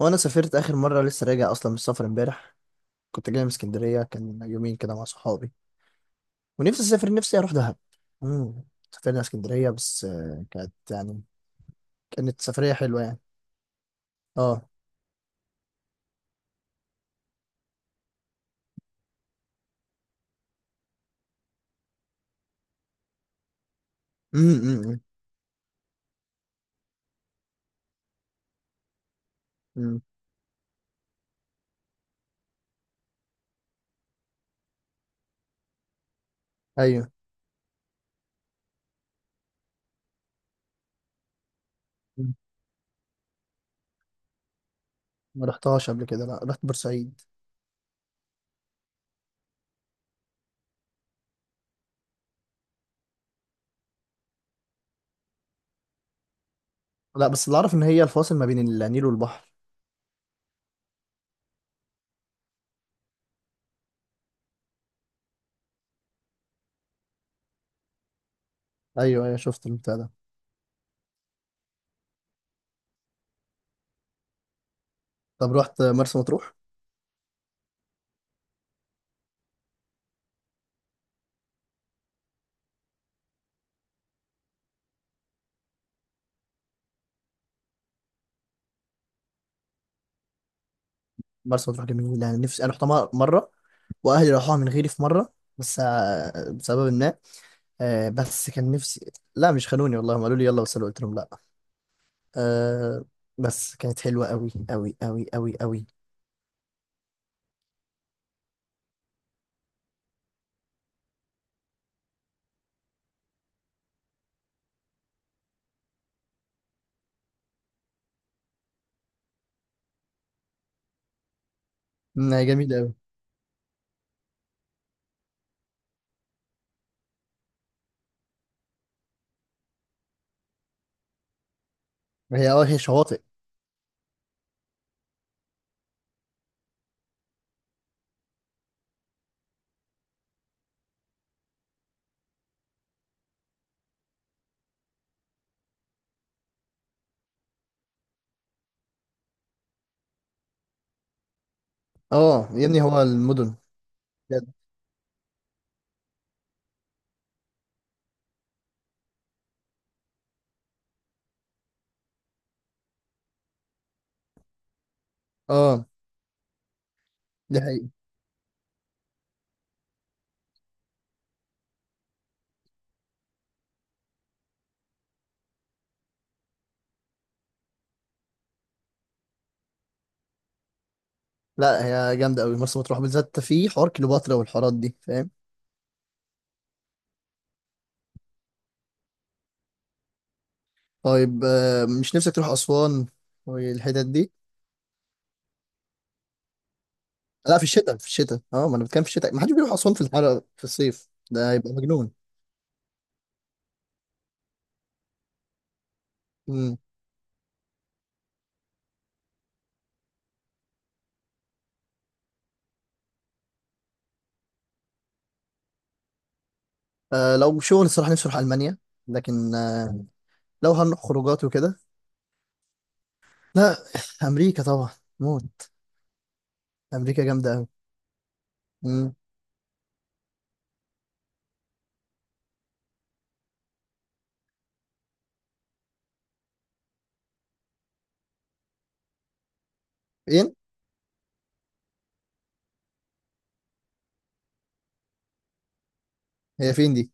وانا سافرت اخر مره، لسه راجع اصلا من السفر امبارح. كنت جاي من اسكندريه، كان يومين كده مع صحابي. ونفسي اسافر، نفسي اروح دهب. امم سافرنا اسكندريه، بس كانت يعني كانت سفريه حلوه يعني. اه. امم امم أمم. ايوه. مم. ما رحتهاش قبل كده، لا رحت بورسعيد. لا، بس اللي اعرف ان هي الفاصل ما بين النيل والبحر. ايوه ايوه، شفت البتاع ده. طب رحت مرسى مطروح؟ مرسى مطروح جميله، انا نفسي، انا رحتها مره وأهلي راحوها من غيري في مره. بس بسبب ما بس كان نفسي. لا مش خانوني والله، هم قالوا لي يلا بس أنا قلت لهم لا. آه. بس كانت حلوة قوي قوي قوي قوي قوي. مم، هي جميلة قوي. هي اه هي شواطئ. اه يا ابني هو المدن. بجد. اه. دي حقيقة. لا هي جامدة قوي مرسى مطروح، بالذات في حوار كليوباترا والحوارات دي، فاهم؟ طيب آه، مش نفسك تروح أسوان والحتت دي؟ لا في الشتاء، في الشتاء اه، ما انا بتكلم في الشتاء، ما حدش بيروح أسوان في الحر في الصيف، ده هيبقى مجنون. مم. آه، لو شغل الصراحة نفسي أروح ألمانيا. لكن آه، لو هنروح خروجات وكده، لا. امريكا طبعا. موت. امريكا جامده قوي. امم. فين؟ هي فين دي؟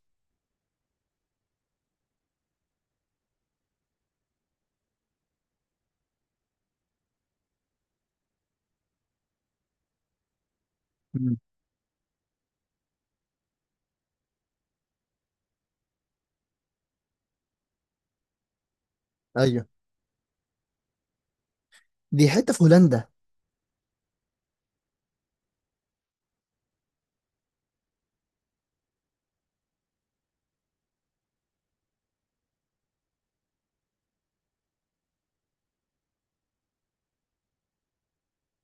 امم. ايوه. دي حته في هولندا.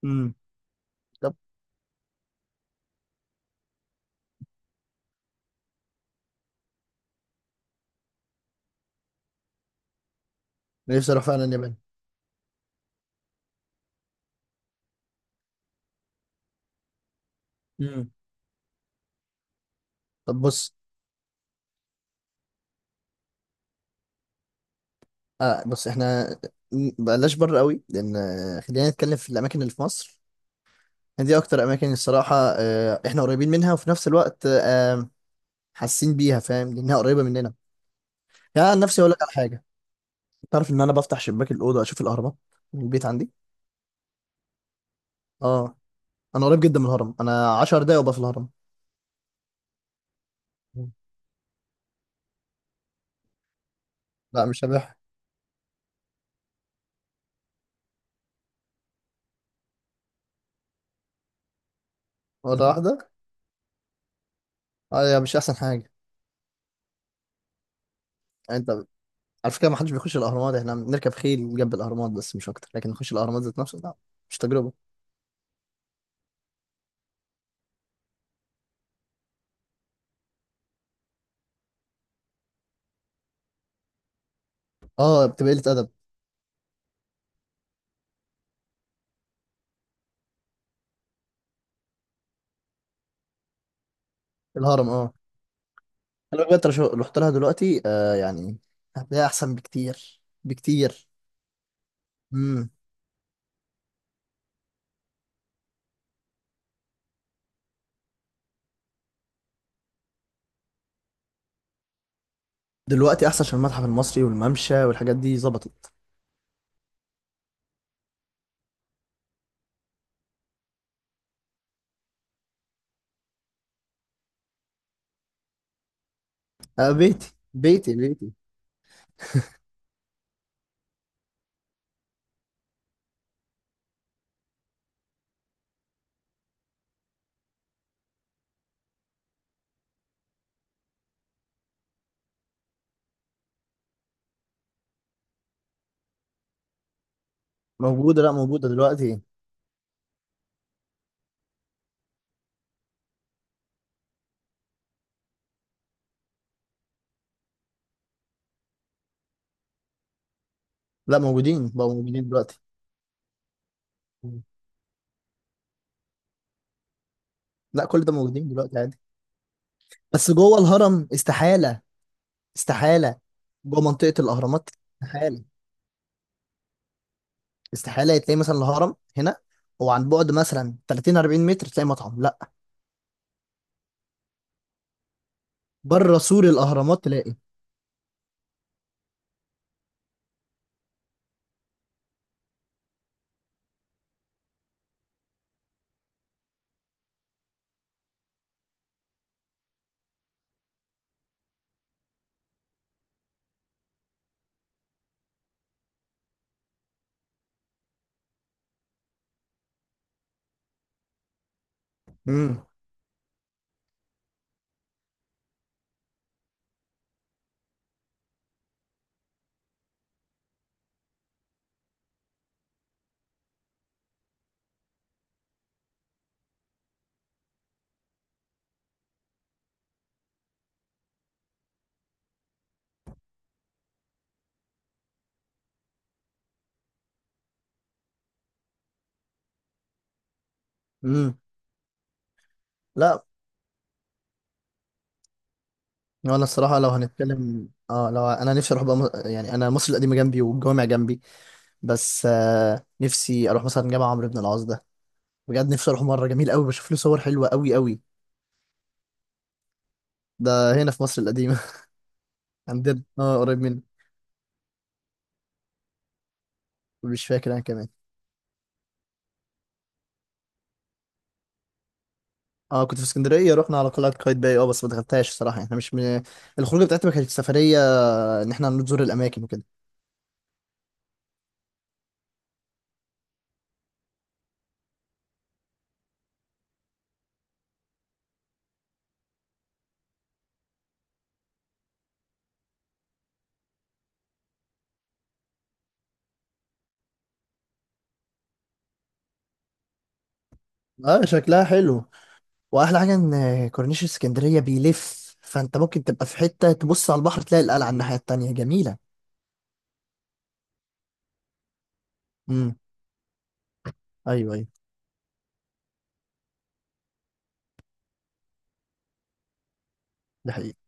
امم. طب نفسي اروح فعلا اليابان. امم. طب بص، آه بص، بلاش بره قوي، لان خلينا نتكلم في الاماكن اللي في مصر. دي اكتر اماكن الصراحه احنا قريبين منها، وفي نفس الوقت حاسين بيها فاهم، لانها قريبه مننا. يعني عن نفسي اقول لك على حاجه، تعرف ان انا بفتح شباك الاوضه اشوف الاهرامات من البيت عندي؟ اه، انا قريب جدا من الهرم، انا 10 دقايق وابقى في الهرم. لا مش هبح. ولا واحده. هي مش احسن حاجه. يعني انت، على فكره ما حدش بيخش الاهرامات، احنا بنركب خيل جنب الاهرامات بس مش اكتر، لكن نخش الاهرامات ذات نفسه لا. مش تجربه. اه، بتبقى قله ادب. الهرم اه. انا بجد رحت لها دلوقتي آه يعني، هتلاقيها احسن بكتير بكتير. امم. دلوقتي احسن، عشان المتحف المصري والممشى والحاجات دي ظبطت. آه بيتي بيتي بيتي موجوده، لا موجوده دلوقتي. لا موجودين، بقوا موجودين دلوقتي. مم. لا كل ده موجودين دلوقتي. بس جوه الهرم استحالة، استحالة. جوه منطقة الأهرامات استحالة. استحالة تلاقي مثلا الهرم هنا، هو عن بعد مثلا 30 40 متر تلاقي مطعم، لا. بره سور الأهرامات تلاقي. امم امم لا. وانا الصراحة لو هنتكلم اه، لو انا نفسي اروح بقى يعني انا مصر القديمة جنبي والجوامع جنبي. بس آه، نفسي اروح مثلا جامع عمرو بن العاص ده. بجد نفسي اروح مرة، جميل قوي، بشوف له صور حلوة قوي قوي. ده هنا في مصر القديمة. عندنا اه، قريب مني. مش فاكر انا كمان. اه كنت في اسكندريه، رحنا على قلعه قايتباي اه، بس ما دخلتهاش الصراحه، احنا مش من... الخروجه بتاعتنا ما كانتش سفريه ان احنا نزور الاماكن وكده. اه شكلها حلو. واحلى حاجه ان كورنيش اسكندريه بيلف، فانت ممكن تبقى في حته تبص على البحر تلاقي القلعه على الناحيه التانيه، جميله. امم. ايوه ايوه. ده حقيقي.